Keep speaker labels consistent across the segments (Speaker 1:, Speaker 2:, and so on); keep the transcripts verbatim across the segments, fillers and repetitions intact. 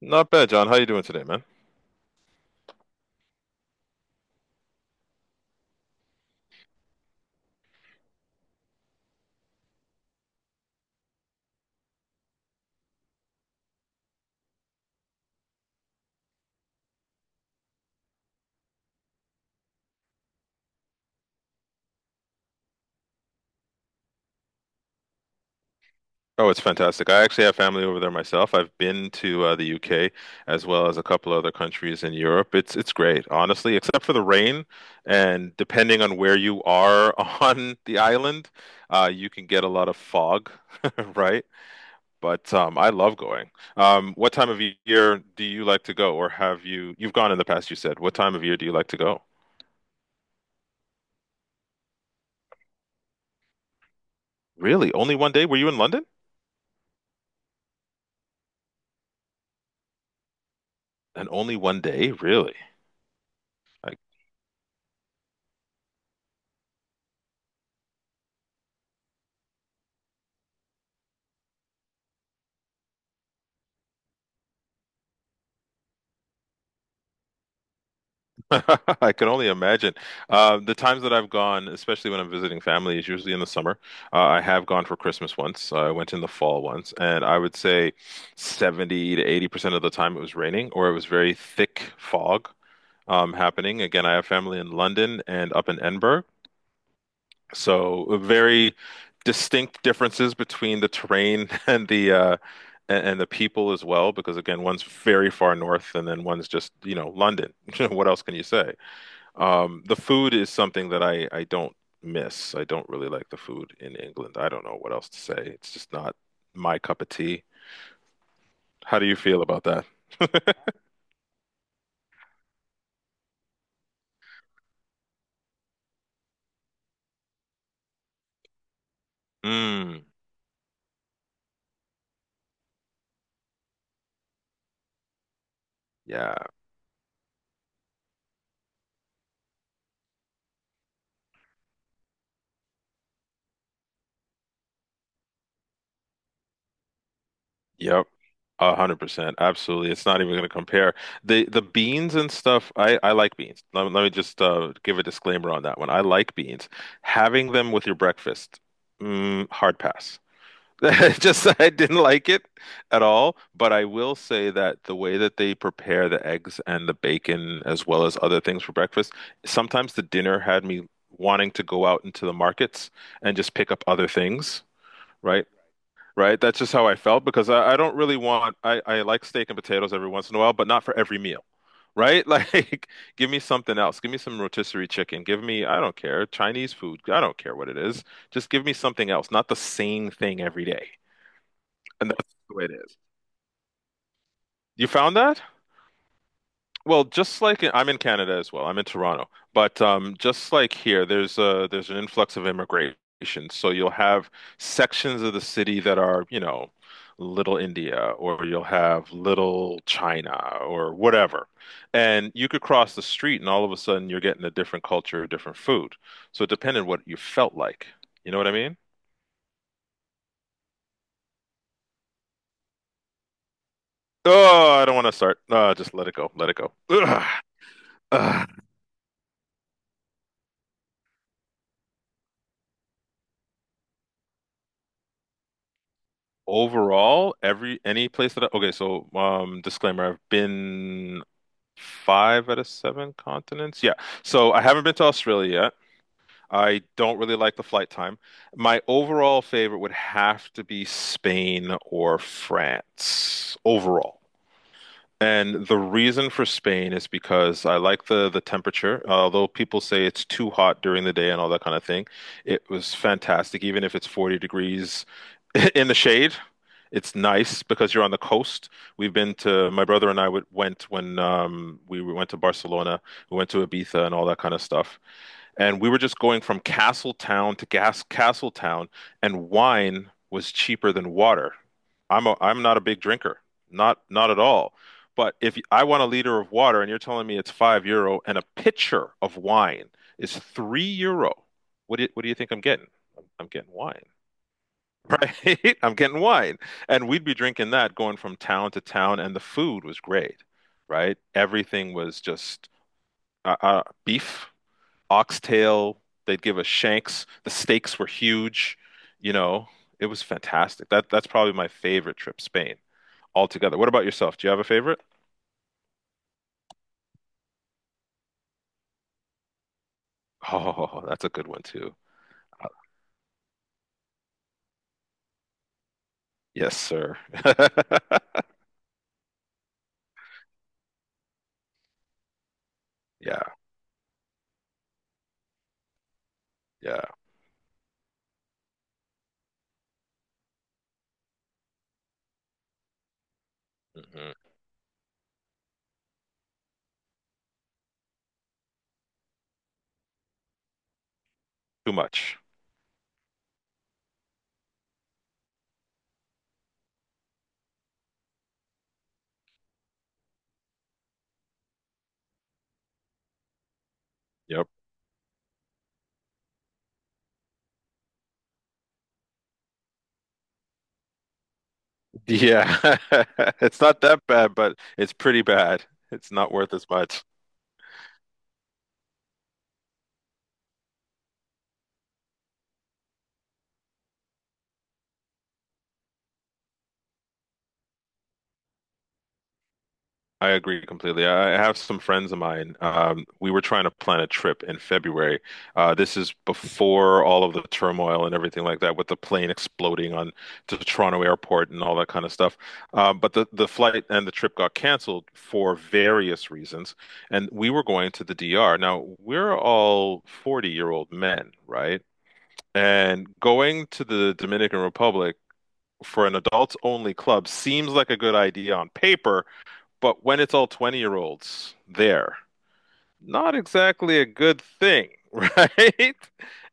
Speaker 1: Not bad, John. How you doing today, man? Oh, it's fantastic. I actually have family over there myself. I've been to uh, the U K as well as a couple other countries in Europe. It's it's great, honestly, except for the rain. And depending on where you are on the island, uh, you can get a lot of fog, right? But um, I love going. Um, what time of year do you like to go, or have you you've gone in the past, you said. What time of year do you like to go? Really? Only one day? Were you in London? And only one day? Really? I can only imagine. Uh, the times that I've gone, especially when I'm visiting family, is usually in the summer. Uh, I have gone for Christmas once. I went in the fall once, and I would say seventy to eighty percent of the time it was raining or it was very thick fog um, happening. Again, I have family in London and up in Edinburgh, so very distinct differences between the terrain and the uh, and, and the people as well, because again, one's very far north, and then one's just, you know, London. What else can you say? Um, the food is something that I I don't miss. I don't really like the food in England. I don't know what else to say. It's just not my cup of tea. How do you feel about that? Mm, yeah. Yep. A hundred percent. Absolutely. It's not even going to compare. The the beans and stuff, I I like beans. Let, let me just uh give a disclaimer on that one. I like beans. Having them with your breakfast, mm, hard pass. Just I didn't like it at all, but I will say that the way that they prepare the eggs and the bacon as well as other things for breakfast, sometimes the dinner had me wanting to go out into the markets and just pick up other things, right? Right? That's just how I felt because I, I don't really want I, I like steak and potatoes every once in a while, but not for every meal. Right? Like, give me something else. Give me some rotisserie chicken. Give me, I don't care, Chinese food. I don't care what it is. Just give me something else, not the same thing every day. And that's the way it is. You found that? Well, just like in, I'm in Canada as well. I'm in Toronto, but um, just like here, there's a there's an influx of immigration. So you'll have sections of the city that are, you know, Little India, or you'll have Little China, or whatever. And you could cross the street, and all of a sudden you're getting a different culture, different food. So it depended what you felt like. You know what I mean? Oh, I don't want to start. Uh, just let it go. Let it go. Ugh. Ugh. Overall, every any place that I, okay, so um disclaimer, I've been five out of seven continents. Yeah. So I haven't been to Australia yet. I don't really like the flight time. My overall favorite would have to be Spain or France overall. And the reason for Spain is because I like the the temperature. Although people say it's too hot during the day and all that kind of thing, it was fantastic. Even if it's forty degrees in the shade, it's nice because you're on the coast. We've been to my brother and I would, went when um, we went to Barcelona. We went to Ibiza and all that kind of stuff and we were just going from castle town to gas castle town, and wine was cheaper than water. I'm a, I'm not a big drinker, not not at all. But if y- I want a liter of water and you're telling me it's five euro and a pitcher of wine is three euro, what do you, what do you think I'm getting? I'm, I'm getting wine, right? I'm getting wine, and we'd be drinking that going from town to town, and the food was great, right? Everything was just uh, uh, beef oxtail. They'd give us shanks. The steaks were huge. You know, it was fantastic. That that's probably my favorite trip, Spain, altogether. What about yourself? Do you have a favorite? Oh, that's a good one too. Uh, Yes, sir. Yeah, yeah. Hmm. Too much. Yep. Yeah. It's not that bad, but it's pretty bad. It's not worth as much. I agree completely. I I have some friends of mine. Um, we were trying to plan a trip in February. Uh, this is before all of the turmoil and everything like that, with the plane exploding on to the Toronto airport and all that kind of stuff. Um, but the, the flight and the trip got canceled for various reasons. And we were going to the D R. Now, we're all forty-year-old men, right? And going to the Dominican Republic for an adults-only club seems like a good idea on paper but when it's all twenty year olds there, not exactly a good thing, right?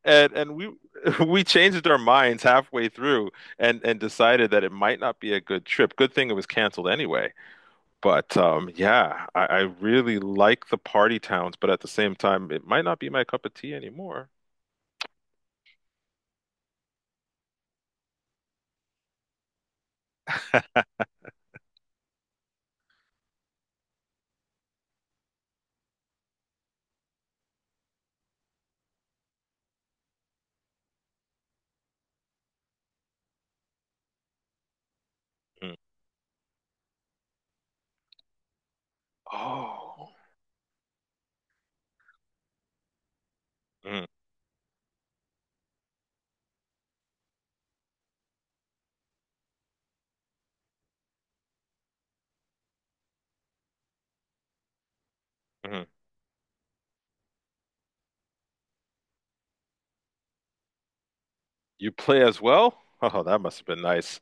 Speaker 1: And and we we changed our minds halfway through and and decided that it might not be a good trip. Good thing it was canceled anyway. But um, yeah, I, I really like the party towns, but at the same time, it might not be my cup of tea anymore. Mm. Oh, mm, mhm. You play as well? Oh, that must have been nice.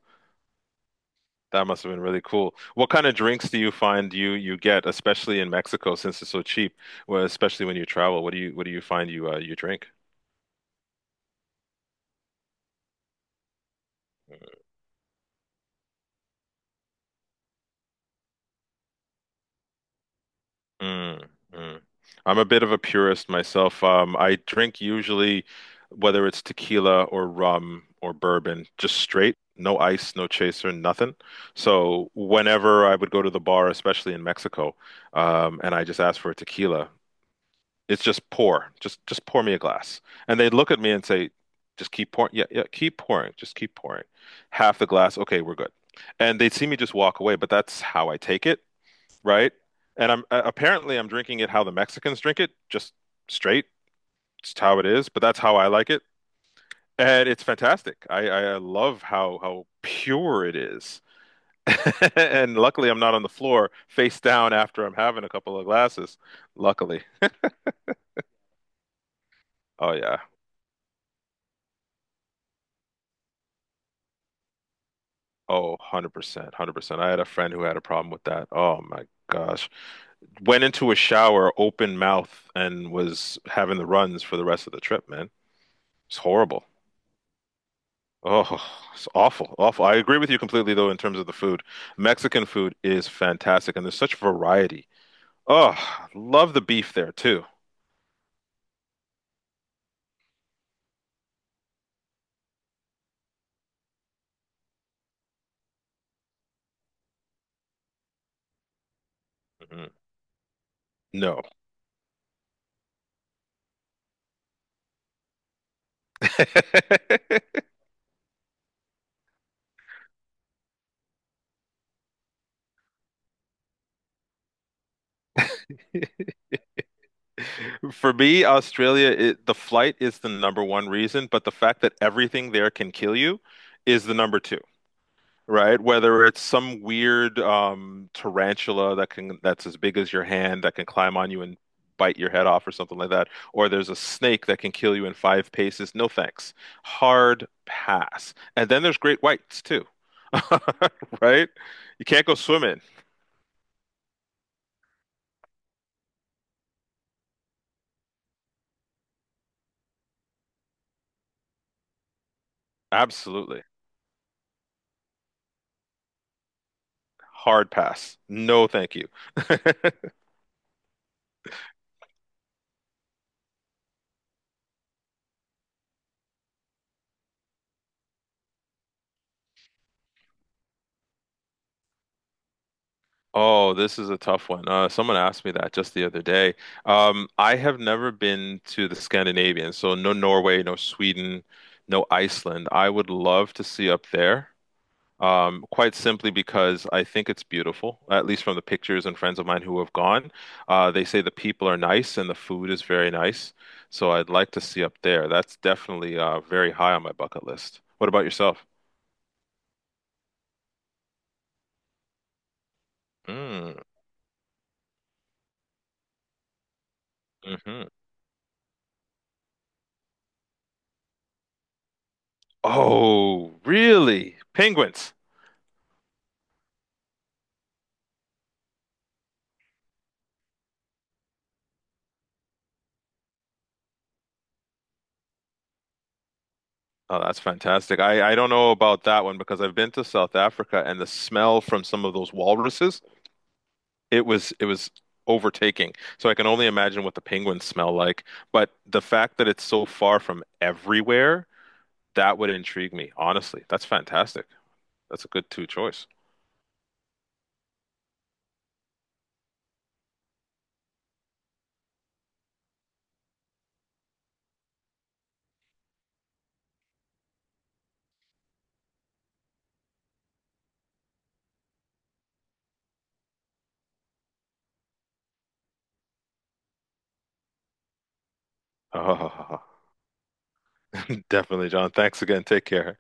Speaker 1: That must have been really cool. What kind of drinks do you find you you get, especially in Mexico, since it's so cheap? Well, especially when you travel, what do you what do you find you uh, you drink? Mm, mm. I'm a bit of a purist myself. Um, I drink usually whether it's tequila or rum or bourbon, just straight, no ice, no chaser, nothing. So whenever I would go to the bar, especially in Mexico, um, and I just asked for a tequila, it's just pour. Just just pour me a glass. And they'd look at me and say, just keep pouring. Yeah, yeah, keep pouring. Just keep pouring. Half the glass. Okay, we're good. And they'd see me just walk away, but that's how I take it, right? And I'm uh, apparently I'm drinking it how the Mexicans drink it, just straight. It's how it is, but that's how I like it. And it's fantastic. I, I I love how how pure it is. And luckily I'm not on the floor face down after I'm having a couple of glasses. Luckily. Oh yeah, oh, one hundred percent, one hundred percent. I had a friend who had a problem with that. Oh my gosh. Went into a shower open mouth and was having the runs for the rest of the trip, man. It's horrible. Oh, it's awful, awful. I agree with you completely though in terms of the food. Mexican food is fantastic and there's such variety. Oh, love the beef there too. Mhm. No. For me, Australia, it, the flight is the number one reason, but the fact that everything there can kill you is the number two. Right? Whether it's some weird um, tarantula that can that's as big as your hand that can climb on you and bite your head off or something like that, or there's a snake that can kill you in five paces. No thanks. Hard pass. And then there's great whites too, right? You can't go swimming. Absolutely. Hard pass. No, thank you. Oh, this is a tough one. Uh, someone asked me that just the other day. Um, I have never been to the Scandinavian, so no Norway, no Sweden, no Iceland. I would love to see up there, um, quite simply because I think it's beautiful, at least from the pictures and friends of mine who have gone. Uh, they say the people are nice and the food is very nice, so I'd like to see up there. That's definitely uh, very high on my bucket list. What about yourself? Mm, hmm. Oh, really? Penguins. Oh, that's fantastic. I, I don't know about that one because I've been to South Africa and the smell from some of those walruses, it was it was overtaking. So I can only imagine what the penguins smell like. But the fact that it's so far from everywhere, that would intrigue me, honestly. That's fantastic. That's a good two choice. Definitely, John. Thanks again. Take care.